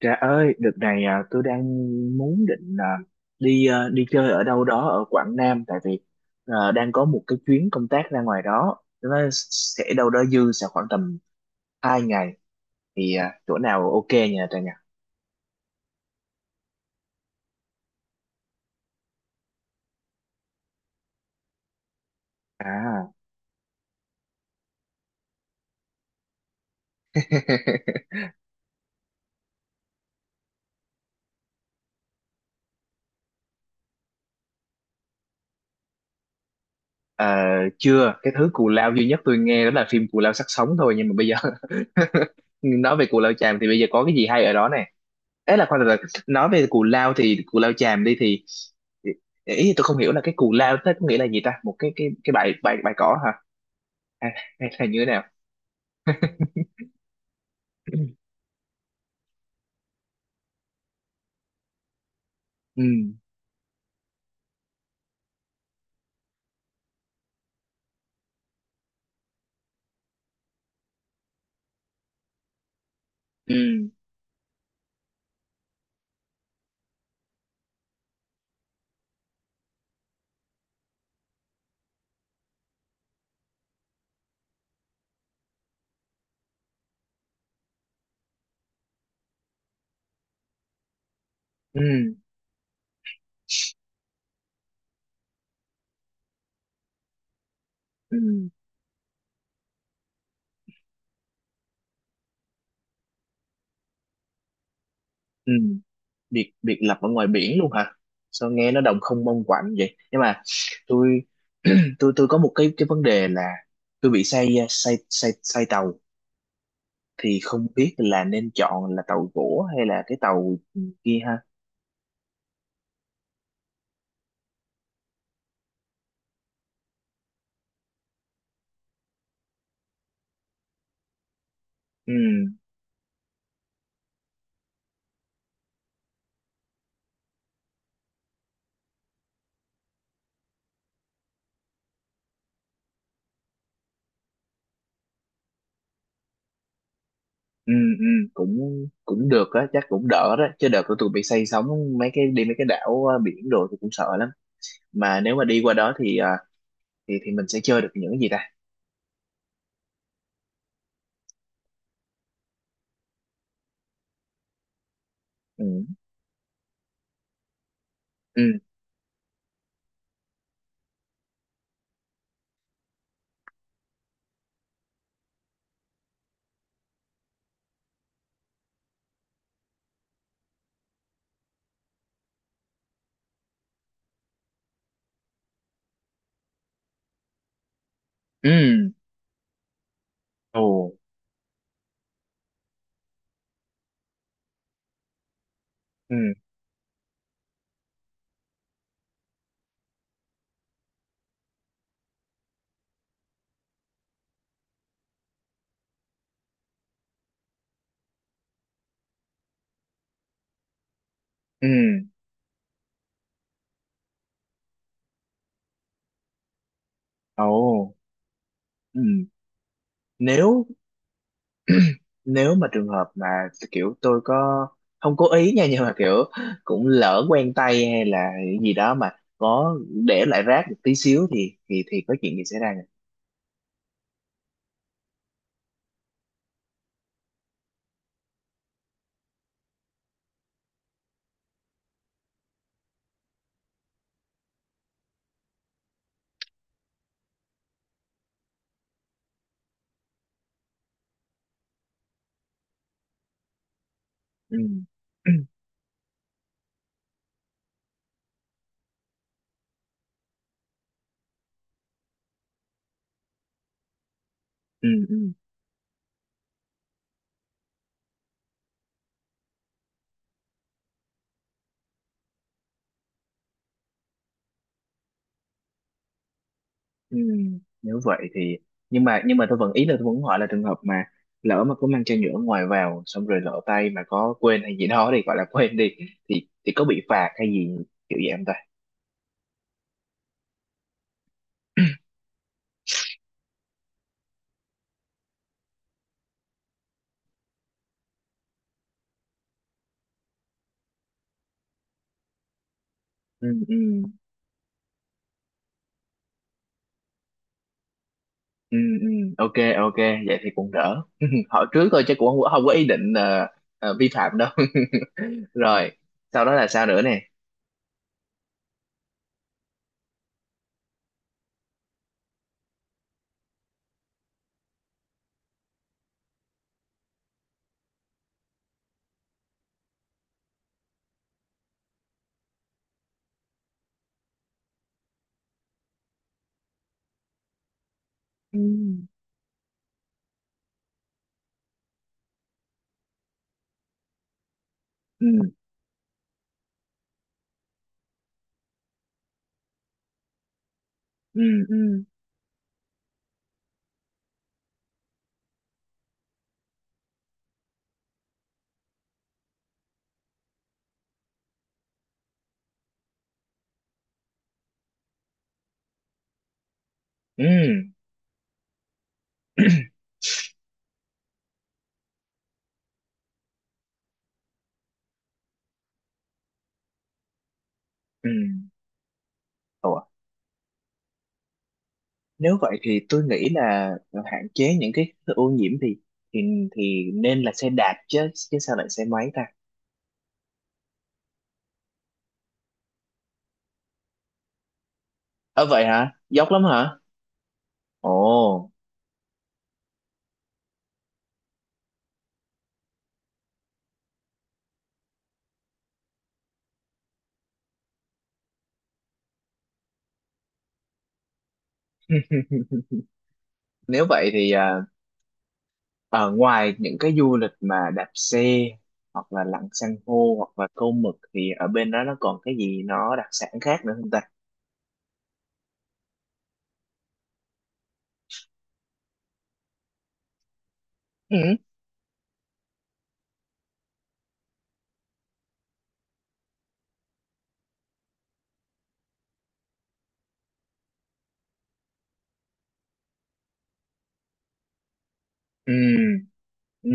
Trà ơi, đợt này tôi đang muốn định đi chơi ở đâu đó ở Quảng Nam, tại vì đang có một cái chuyến công tác ra ngoài đó, nó sẽ đâu đó dư sẽ khoảng tầm 2 ngày, thì chỗ nào ok nhờ Trà nhỉ? À. Ờ, chưa. Cái thứ cù lao duy nhất tôi nghe đó là phim Cù Lao Xác Sống thôi, nhưng mà bây giờ nói về Cù Lao Chàm thì bây giờ có cái gì hay ở đó nè? Ấy là khoan, từ từ. Nói về cù lao thì Cù Lao Chàm đi, thì ý thì tôi không hiểu là cái cù lao thế có nghĩa là gì ta, một cái bãi bãi bãi cỏ hả, hay, hay là như thế nào? Ừ. Ừ. Ừ. Ừ. Ừ. biệt biệt lập ở ngoài biển luôn hả? Sao nghe nó đồng không mông quạnh vậy, nhưng mà tôi tôi có một cái vấn đề là tôi bị say say say say tàu, thì không biết là nên chọn là tàu gỗ hay là cái tàu kia ha. Ừ. Ừ. Ừ. cũng cũng được á, chắc cũng đỡ đó chứ, đợt của tôi bị say sóng mấy cái đảo, ờ, biển đồ tôi cũng sợ lắm, mà nếu mà đi qua đó thì ờ, thì mình sẽ chơi được những cái gì ta? Ừ. Ừ. Ừ. Ồ. Ừ. Ừ. Ồ. Ừ. nếu nếu mà trường hợp mà kiểu tôi có không cố ý nha, nhưng mà kiểu cũng lỡ quen tay hay là gì đó mà có để lại rác một tí xíu thì có chuyện gì xảy ra nhỉ? Ừ. Ừ. Ừ. Ừ. Nếu vậy thì, nhưng mà tôi vẫn, ý là tôi vẫn hỏi là trường hợp mà lỡ mà có mang chai nhựa ngoài vào xong rồi lỡ tay mà có quên hay gì đó thì gọi là quên đi, thì có bị phạt hay gì kiểu vậy không ta? Ừ. Ừ. Ừ. Ừ. Ok, ok, vậy thì cũng đỡ. Hỏi trước thôi chứ cũng không có ý định vi phạm đâu. Rồi, sau đó là sao nữa nè? Ừ. Ừ. Ừ. Ừ. Ừ. Ừ. Ủa, nếu vậy thì tôi nghĩ là hạn chế những cái ô nhiễm thì thì nên là xe đạp chứ chứ sao lại xe máy ta? Ờ, vậy hả? Dốc lắm hả? Ồ. Nếu vậy thì, ở ngoài những cái du lịch mà đạp xe hoặc là lặn san hô hoặc là câu mực thì ở bên đó nó còn cái gì nó đặc sản khác nữa không ta? Ừ. Ừ. Ừ.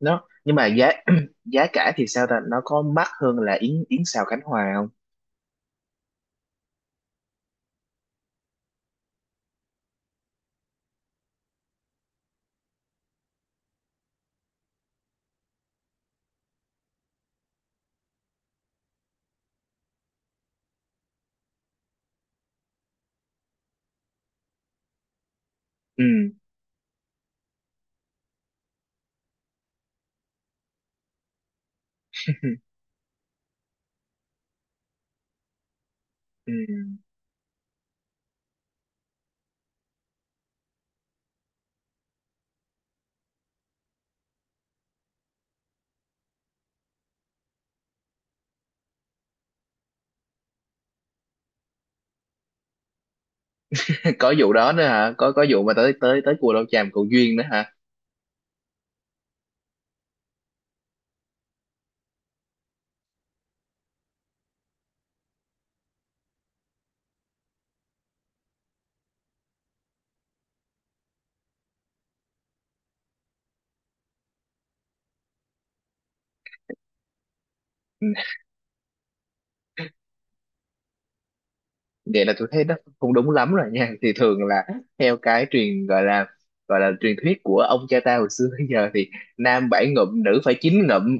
Nó, nhưng mà giá giá cả thì sao ta? Nó có mắc hơn là yến yến xào Khánh Hòa không? Ừ. Ừ. Có vụ đó nữa hả? Có vụ mà tới tới tới Cù Lao Chàm cầu duyên nữa hả? Vậy là tôi thấy nó không đúng lắm rồi nha, thì thường là theo cái truyền, gọi là truyền thuyết của ông cha ta hồi xưa, bây giờ thì nam 7 ngụm nữ phải 9 ngụm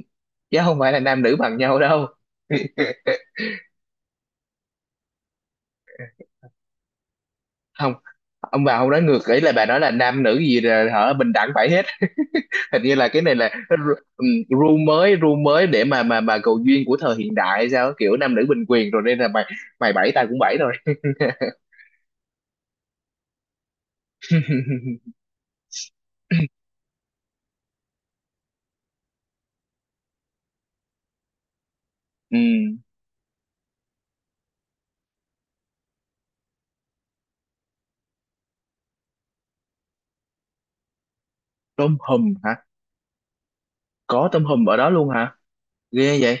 chứ không phải là nam nữ bằng nhau đâu. Không, ông bà không nói ngược, ý là bà nói là nam nữ gì là hả bình đẳng phải hết. Hình như là cái này là rule mới để mà cầu duyên của thời hiện đại hay sao, kiểu nam nữ bình quyền rồi nên là mày mày bảy tao cũng bảy rồi. Ừ. Tôm hùm hả? Có tôm hùm ở đó luôn hả? Ghê vậy.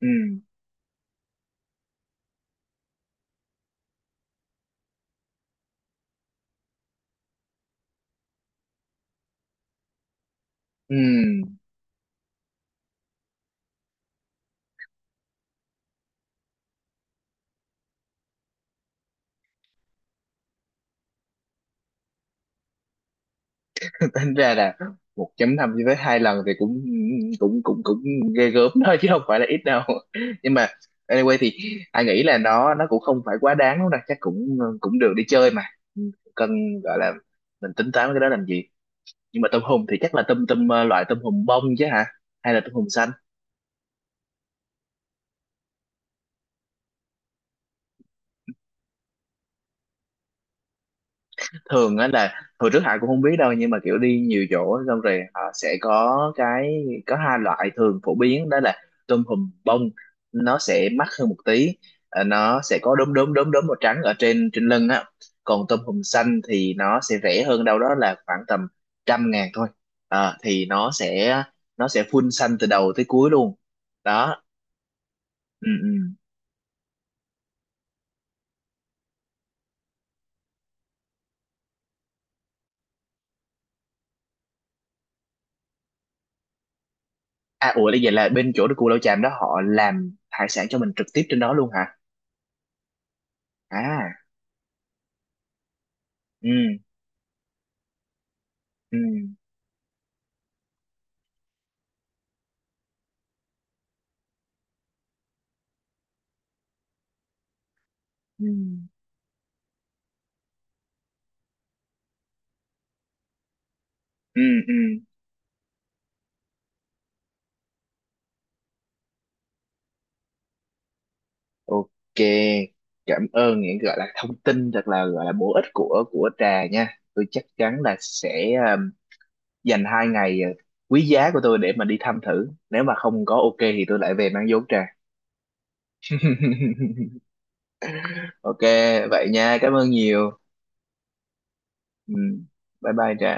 Ừ. Ừ. Tính ra là 1,5 cho tới 2 lần thì cũng cũng cũng cũng ghê gớm thôi chứ không phải là ít đâu. Nhưng mà anyway thì anh nghĩ là nó cũng không phải quá đáng đâu nè, chắc cũng cũng được đi chơi mà, cần gọi là mình tính toán cái đó làm gì. Nhưng mà tôm hùm thì chắc là tôm tôm ờ, loại tôm hùm bông chứ hả, hay là tôm hùm xanh? Thường á là hồi trước Hải cũng không biết đâu, nhưng mà kiểu đi nhiều chỗ xong rồi họ sẽ có hai loại thường phổ biến đó là tôm hùm bông, nó sẽ mắc hơn một tí, nó sẽ có đốm đốm đốm đốm màu trắng ở trên trên lưng á, còn tôm hùm xanh thì nó sẽ rẻ hơn đâu đó là khoảng tầm 100.000 thôi, thì nó sẽ full xanh từ đầu tới cuối luôn đó. Ừ, ừ. À, ủa bây là bên chỗ của Lão Chàm đó họ làm hải sản cho mình trực tiếp trên đó luôn hả? À. Ừ. Ừ. Ừ. Ừ. Ừ. Ok, cảm ơn những gọi là thông tin thật là gọi là bổ ích của Trà nha, tôi chắc chắn là sẽ dành 2 ngày quý giá của tôi để mà đi thăm thử, nếu mà không có ok thì tôi lại về mang vốn Trà. Ok, vậy nha, cảm ơn nhiều. Ừ. Bye bye Trà.